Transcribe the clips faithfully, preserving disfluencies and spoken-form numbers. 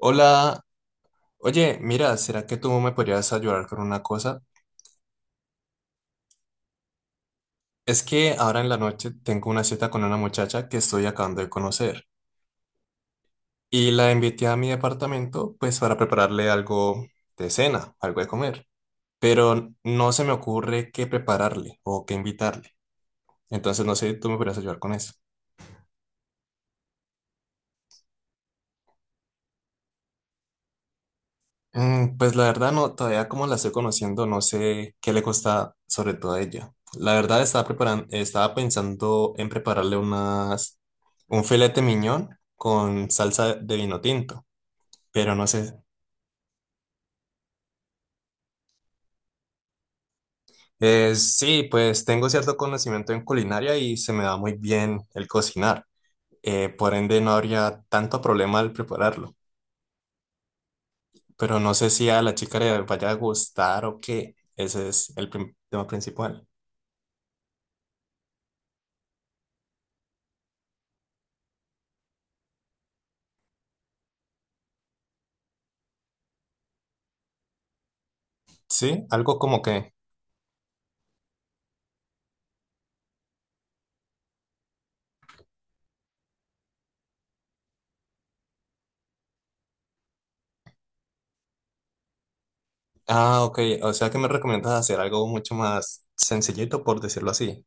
Hola, oye, mira, ¿será que tú me podrías ayudar con una cosa? Es que ahora en la noche tengo una cita con una muchacha que estoy acabando de conocer y la invité a mi departamento pues para prepararle algo de cena, algo de comer, pero no se me ocurre qué prepararle o qué invitarle. Entonces no sé, ¿tú me podrías ayudar con eso? Mm, pues la verdad no, todavía como la estoy conociendo, no sé qué le cuesta sobre todo a ella. La verdad estaba preparando, estaba pensando en prepararle unas, un filete miñón con salsa de vino tinto, pero no sé. Eh, sí, pues tengo cierto conocimiento en culinaria y se me da muy bien el cocinar. Eh, por ende no habría tanto problema al prepararlo, pero no sé si a la chica le vaya a gustar o qué. Ese es el prim- tema principal. Sí, algo como que... Ah, ok. O sea que me recomiendas hacer algo mucho más sencillito, por decirlo así.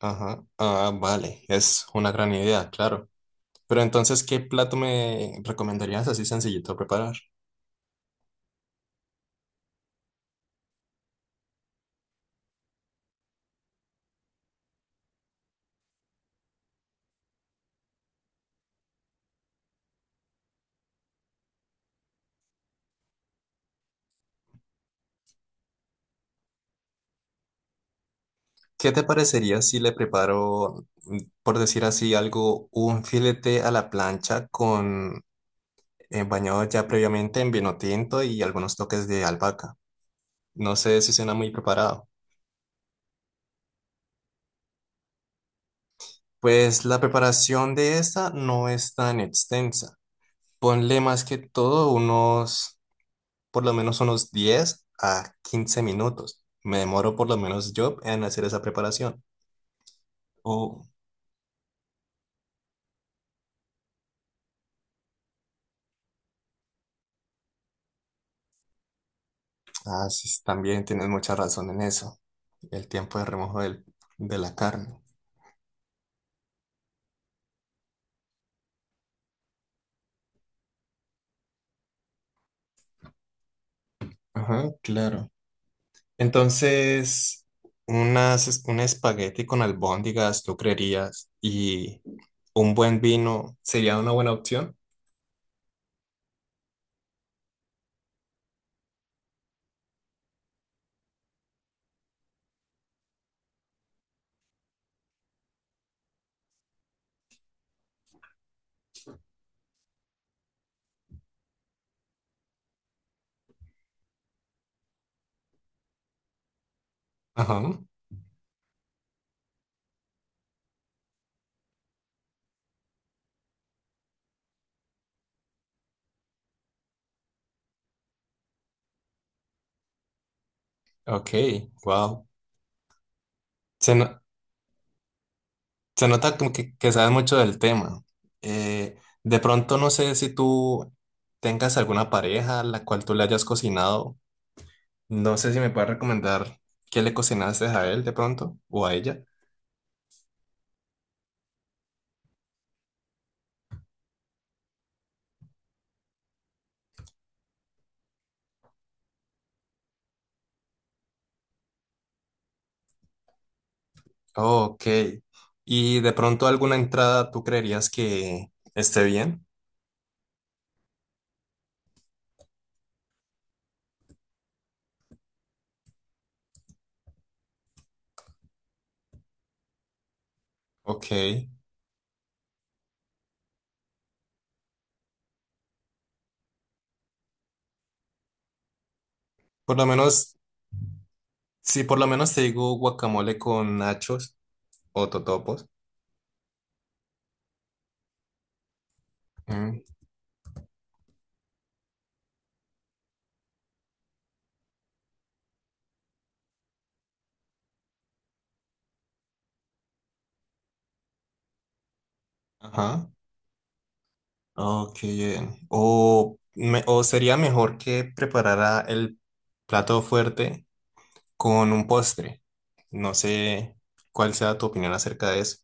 Ajá. Ah, vale. Es una gran idea, claro. Pero entonces, ¿qué plato me recomendarías así sencillito preparar? ¿Qué te parecería si le preparo, mm, por decir así, algo, un filete a la plancha con eh, bañado ya previamente en vino tinto y algunos toques de albahaca? No sé si suena muy preparado. Pues la preparación de esta no es tan extensa. Ponle más que todo unos, por lo menos unos diez a quince minutos. Me demoro por lo menos yo en hacer esa preparación. Oh, ah, sí, también tienes mucha razón en eso. El tiempo de remojo del- de la carne. Ajá, claro. Entonces, unas, un espagueti con albóndigas, ¿tú creerías? Y un buen vino sería una buena opción. Ajá, ok, wow. Se nota como que, que sabes mucho del tema. Eh, de pronto no sé si tú tengas alguna pareja a la cual tú le hayas cocinado. No sé si me puedes recomendar qué le cocinaste a él de pronto o a ella. Ok. Y de pronto alguna entrada tú creerías que esté bien. Ok. Por lo menos, si por lo menos te digo guacamole con nachos o totopos. Mm, ajá. Ok, bien. O, me- o sería mejor que preparara el plato fuerte con un postre. No sé cuál sea tu opinión acerca de eso.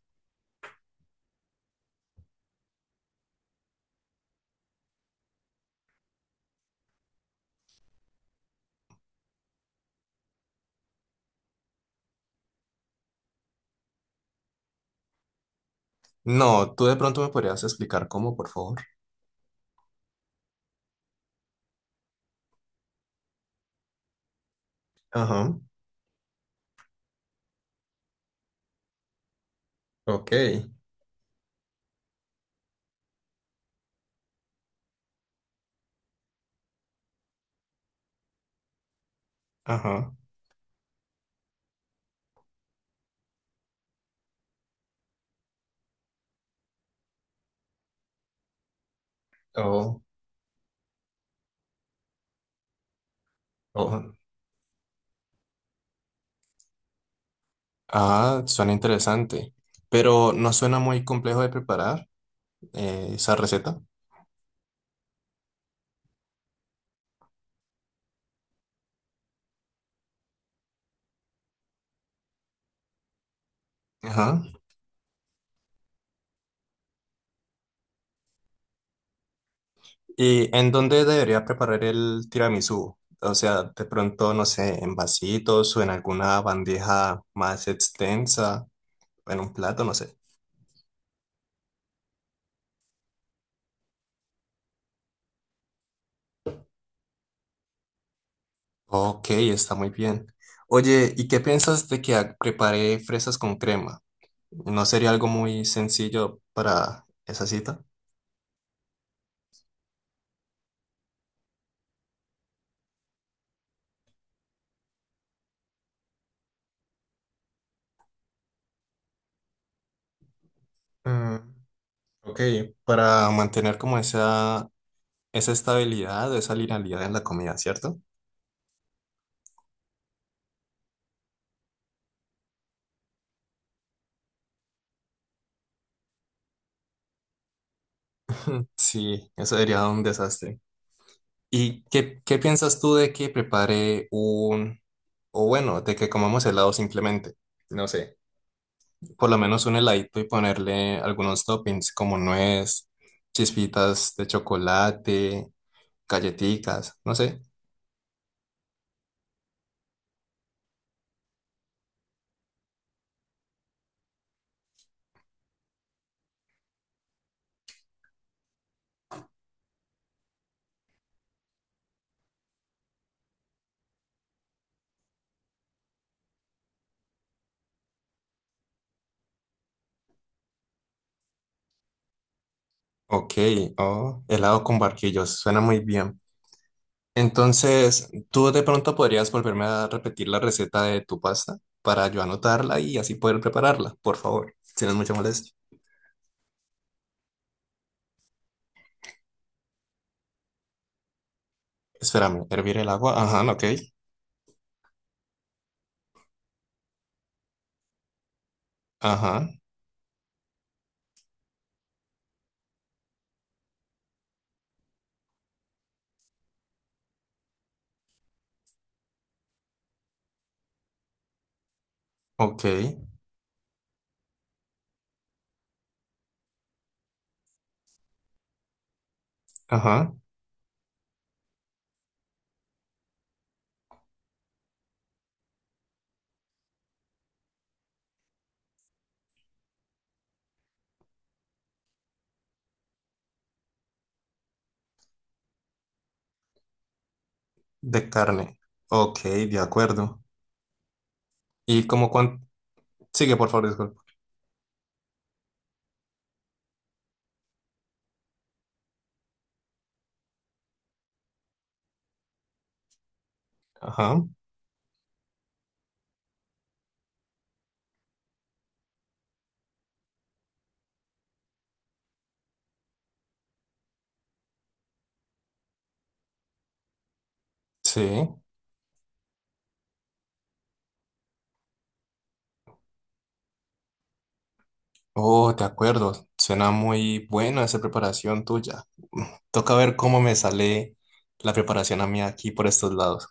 No, tú de pronto me podrías explicar cómo, por favor. Ajá. Ok. Ajá. Oh, oh. Ah, suena interesante. Pero no suena muy complejo de preparar eh, esa receta. Ajá. ¿Y en dónde debería preparar el tiramisú? O sea, de pronto, no sé, en vasitos o en alguna bandeja más extensa, en un plato, no sé. Ok, está muy bien. Oye, ¿y qué piensas de que ha- prepare fresas con crema? ¿No sería algo muy sencillo para esa cita? Mm, ok, para mantener como esa, esa estabilidad, esa linealidad en la comida, ¿cierto? Sí, eso sería un desastre. ¿Y qué, qué piensas tú de que prepare un, o bueno, de que comamos helado simplemente? No sé, por lo menos un heladito y ponerle algunos toppings como nuez, chispitas de chocolate, galletitas, no sé. Ok, oh, helado con barquillos, suena muy bien. Entonces, ¿tú de pronto podrías volverme a repetir la receta de tu pasta para yo anotarla y así poder prepararla, por favor, si no es mucha molestia? Espérame, hervir el agua, ajá, ok, ajá. Ok, ajá, de carne. Ok, de acuerdo. Y como cuánto... Sigue, por favor, disculpa. Ajá, sí. Oh, de acuerdo. Suena muy buena esa preparación tuya. Toca ver cómo me sale la preparación a mí aquí por estos lados.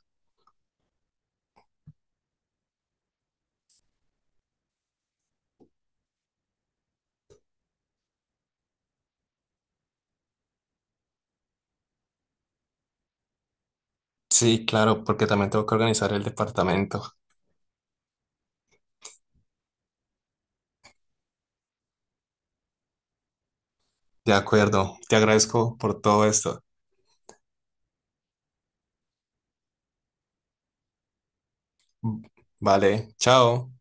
Sí, claro, porque también tengo que organizar el departamento. De acuerdo, te agradezco por todo esto. Vale, chao.